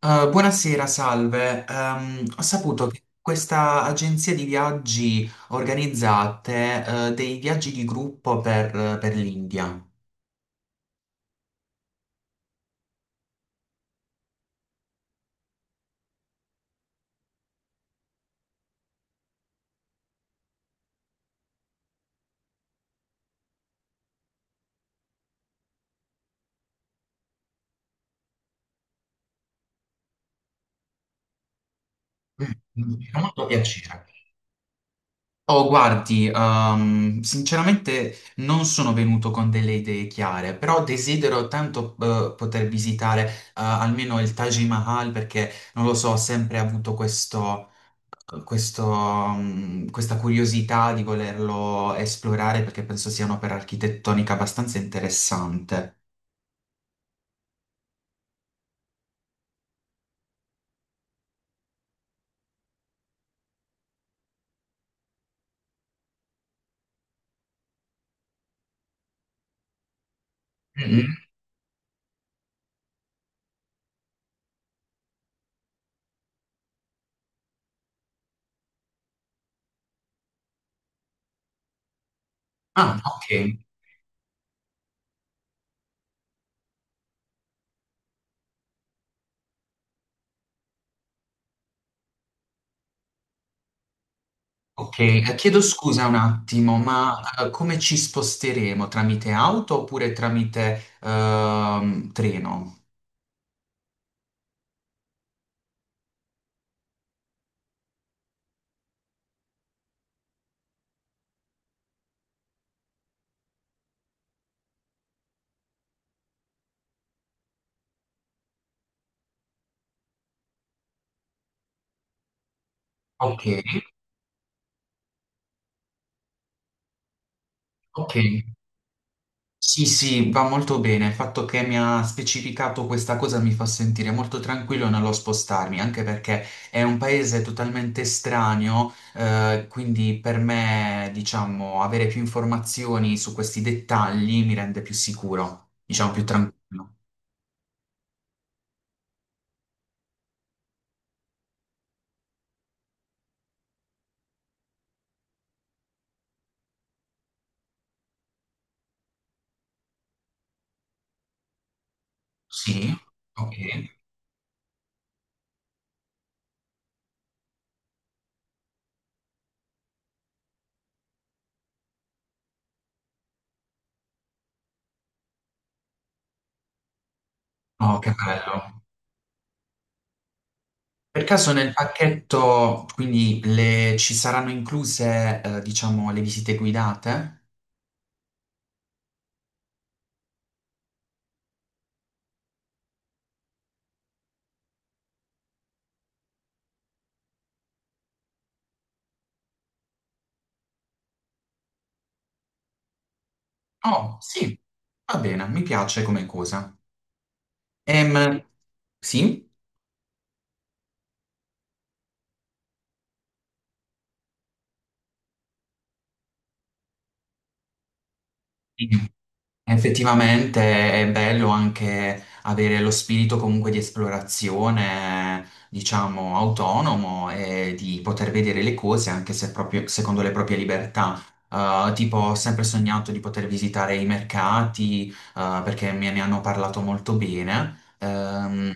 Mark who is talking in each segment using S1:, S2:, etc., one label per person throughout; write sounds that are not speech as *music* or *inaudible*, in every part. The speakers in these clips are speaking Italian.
S1: Buonasera, salve. Ho saputo che questa agenzia di viaggi organizzate, dei viaggi di gruppo per l'India. Mi fa molto piacere. Oh, guardi, sinceramente non sono venuto con delle idee chiare, però desidero tanto poter visitare almeno il Taj Mahal perché, non lo so, ho sempre avuto questa curiosità di volerlo esplorare perché penso sia un'opera architettonica abbastanza interessante. Mm. Mhm. Ah, ok. Ok, chiedo scusa un attimo, ma come ci sposteremo? Tramite auto oppure tramite treno? Ok, ok. Sì, sì, va molto bene. Il fatto che mi ha specificato questa cosa mi fa sentire molto tranquillo nello spostarmi, anche perché è un paese totalmente estraneo, quindi per me, diciamo, avere più informazioni su questi dettagli mi rende più sicuro, diciamo più tranquillo. Sì? Ok. Oh, che bello. Per caso nel pacchetto, quindi ci saranno incluse, diciamo, le visite guidate? Oh, sì, va bene, mi piace come cosa. Ehm, sì, effettivamente è bello anche avere lo spirito comunque di esplorazione, diciamo, autonomo e di poter vedere le cose anche se proprio secondo le proprie libertà. Tipo, ho sempre sognato di poter visitare i mercati, perché me ne hanno parlato molto bene. Ehm,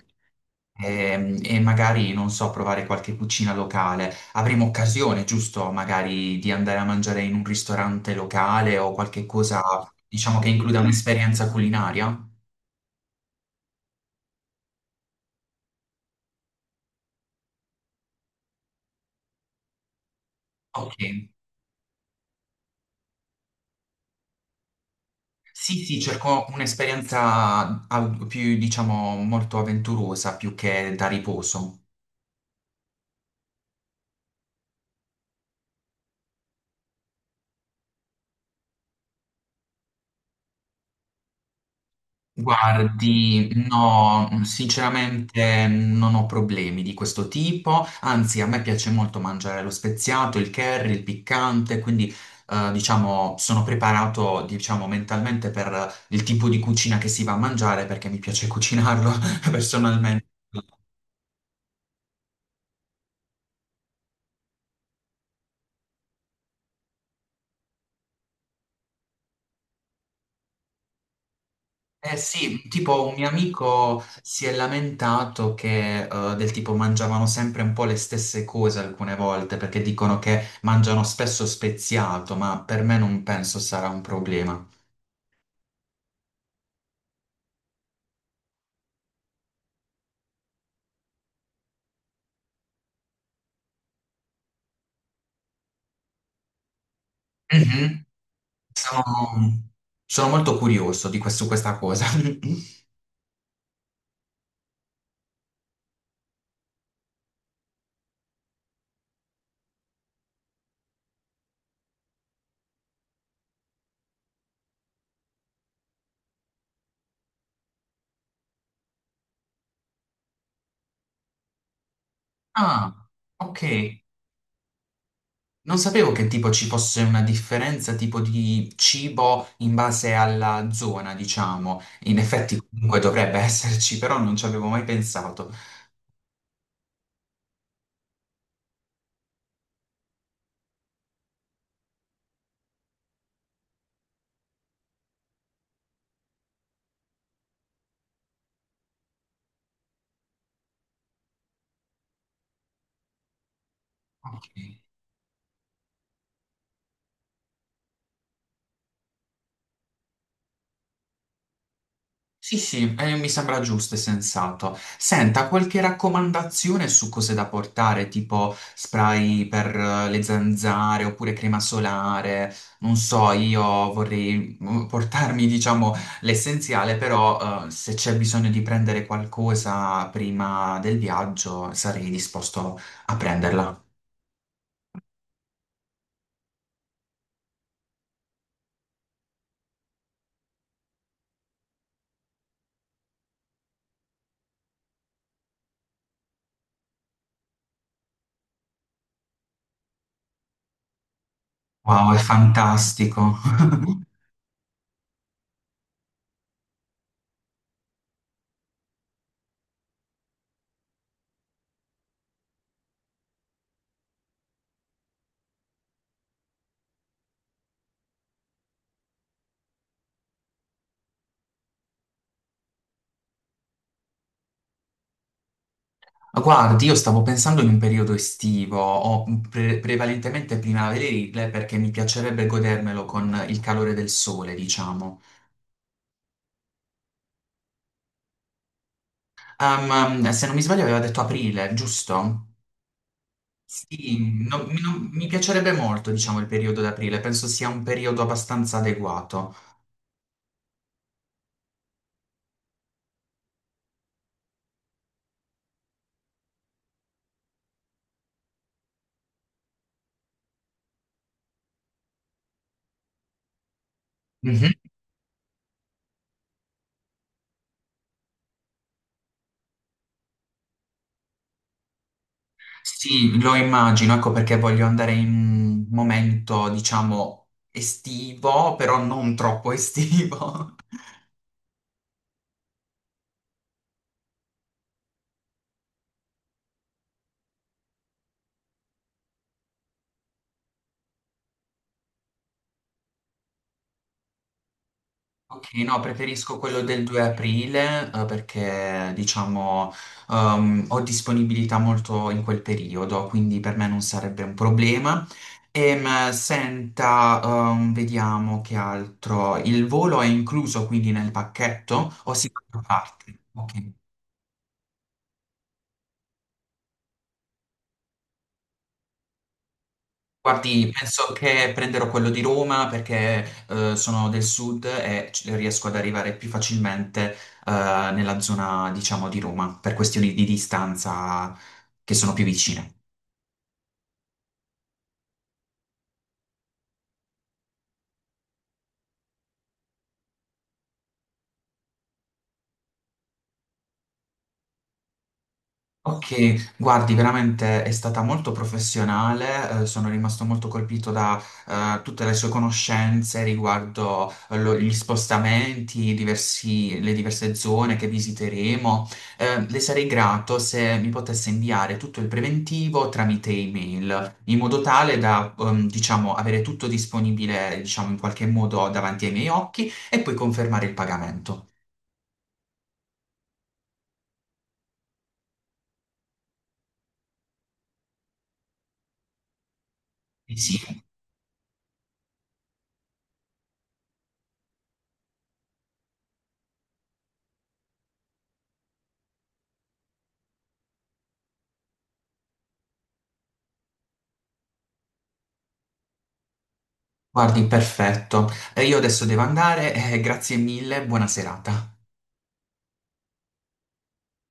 S1: Ehm, E magari, non so, provare qualche cucina locale. Avremo occasione, giusto, magari di andare a mangiare in un ristorante locale o qualche cosa, diciamo, che includa un'esperienza culinaria? Ok. Sì, sì, cerco un'esperienza più, diciamo, molto avventurosa più che da riposo. Guardi, no, sinceramente non ho problemi di questo tipo, anzi a me piace molto mangiare lo speziato, il curry, il piccante, quindi diciamo sono preparato diciamo, mentalmente per il tipo di cucina che si va a mangiare perché mi piace cucinarlo *laughs* personalmente. Eh sì, tipo un mio amico si è lamentato che del tipo mangiavano sempre un po' le stesse cose alcune volte perché dicono che mangiano spesso speziato, ma per me non penso sarà un problema. Mhm. Sono, sono molto curioso di su questa cosa. *laughs* Ah, ok. Non sapevo che tipo ci fosse una differenza tipo di cibo in base alla zona, diciamo. In effetti comunque dovrebbe *laughs* esserci, però non ci avevo mai pensato. Ok. Sì, sì, mi sembra giusto e sensato. Senta, qualche raccomandazione su cose da portare, tipo spray per le zanzare oppure crema solare? Non so, io vorrei portarmi, diciamo, l'essenziale, però se c'è bisogno di prendere qualcosa prima del viaggio, sarei disposto a prenderla. Wow, è fantastico. *laughs* Guardi, io stavo pensando in un periodo estivo o prevalentemente primaverile perché mi piacerebbe godermelo con il calore del sole, diciamo. Se non mi sbaglio aveva detto aprile, giusto? Sì, mi piacerebbe molto, diciamo, il periodo d'aprile, penso sia un periodo abbastanza adeguato. Mhm. Sì, lo immagino, ecco perché voglio andare in un momento, diciamo, estivo, però non troppo estivo. *laughs* Ok, no, preferisco quello del 2 aprile, perché diciamo ho disponibilità molto in quel periodo, quindi per me non sarebbe un problema. Senta, vediamo che altro. Il volo è incluso quindi nel pacchetto o si paga a parte? Ok. Guardi, penso che prenderò quello di Roma perché sono del sud e riesco ad arrivare più facilmente nella zona, diciamo, di Roma per questioni di distanza che sono più vicine. Ok, guardi, veramente è stata molto professionale, sono rimasto molto colpito da tutte le sue conoscenze riguardo gli spostamenti, le diverse zone che visiteremo. Le sarei grato se mi potesse inviare tutto il preventivo tramite email, in modo tale da, diciamo, avere tutto disponibile, diciamo, in qualche modo davanti ai miei occhi e poi confermare il pagamento. Sì. Guardi, perfetto. Io adesso devo andare, grazie mille, buona serata.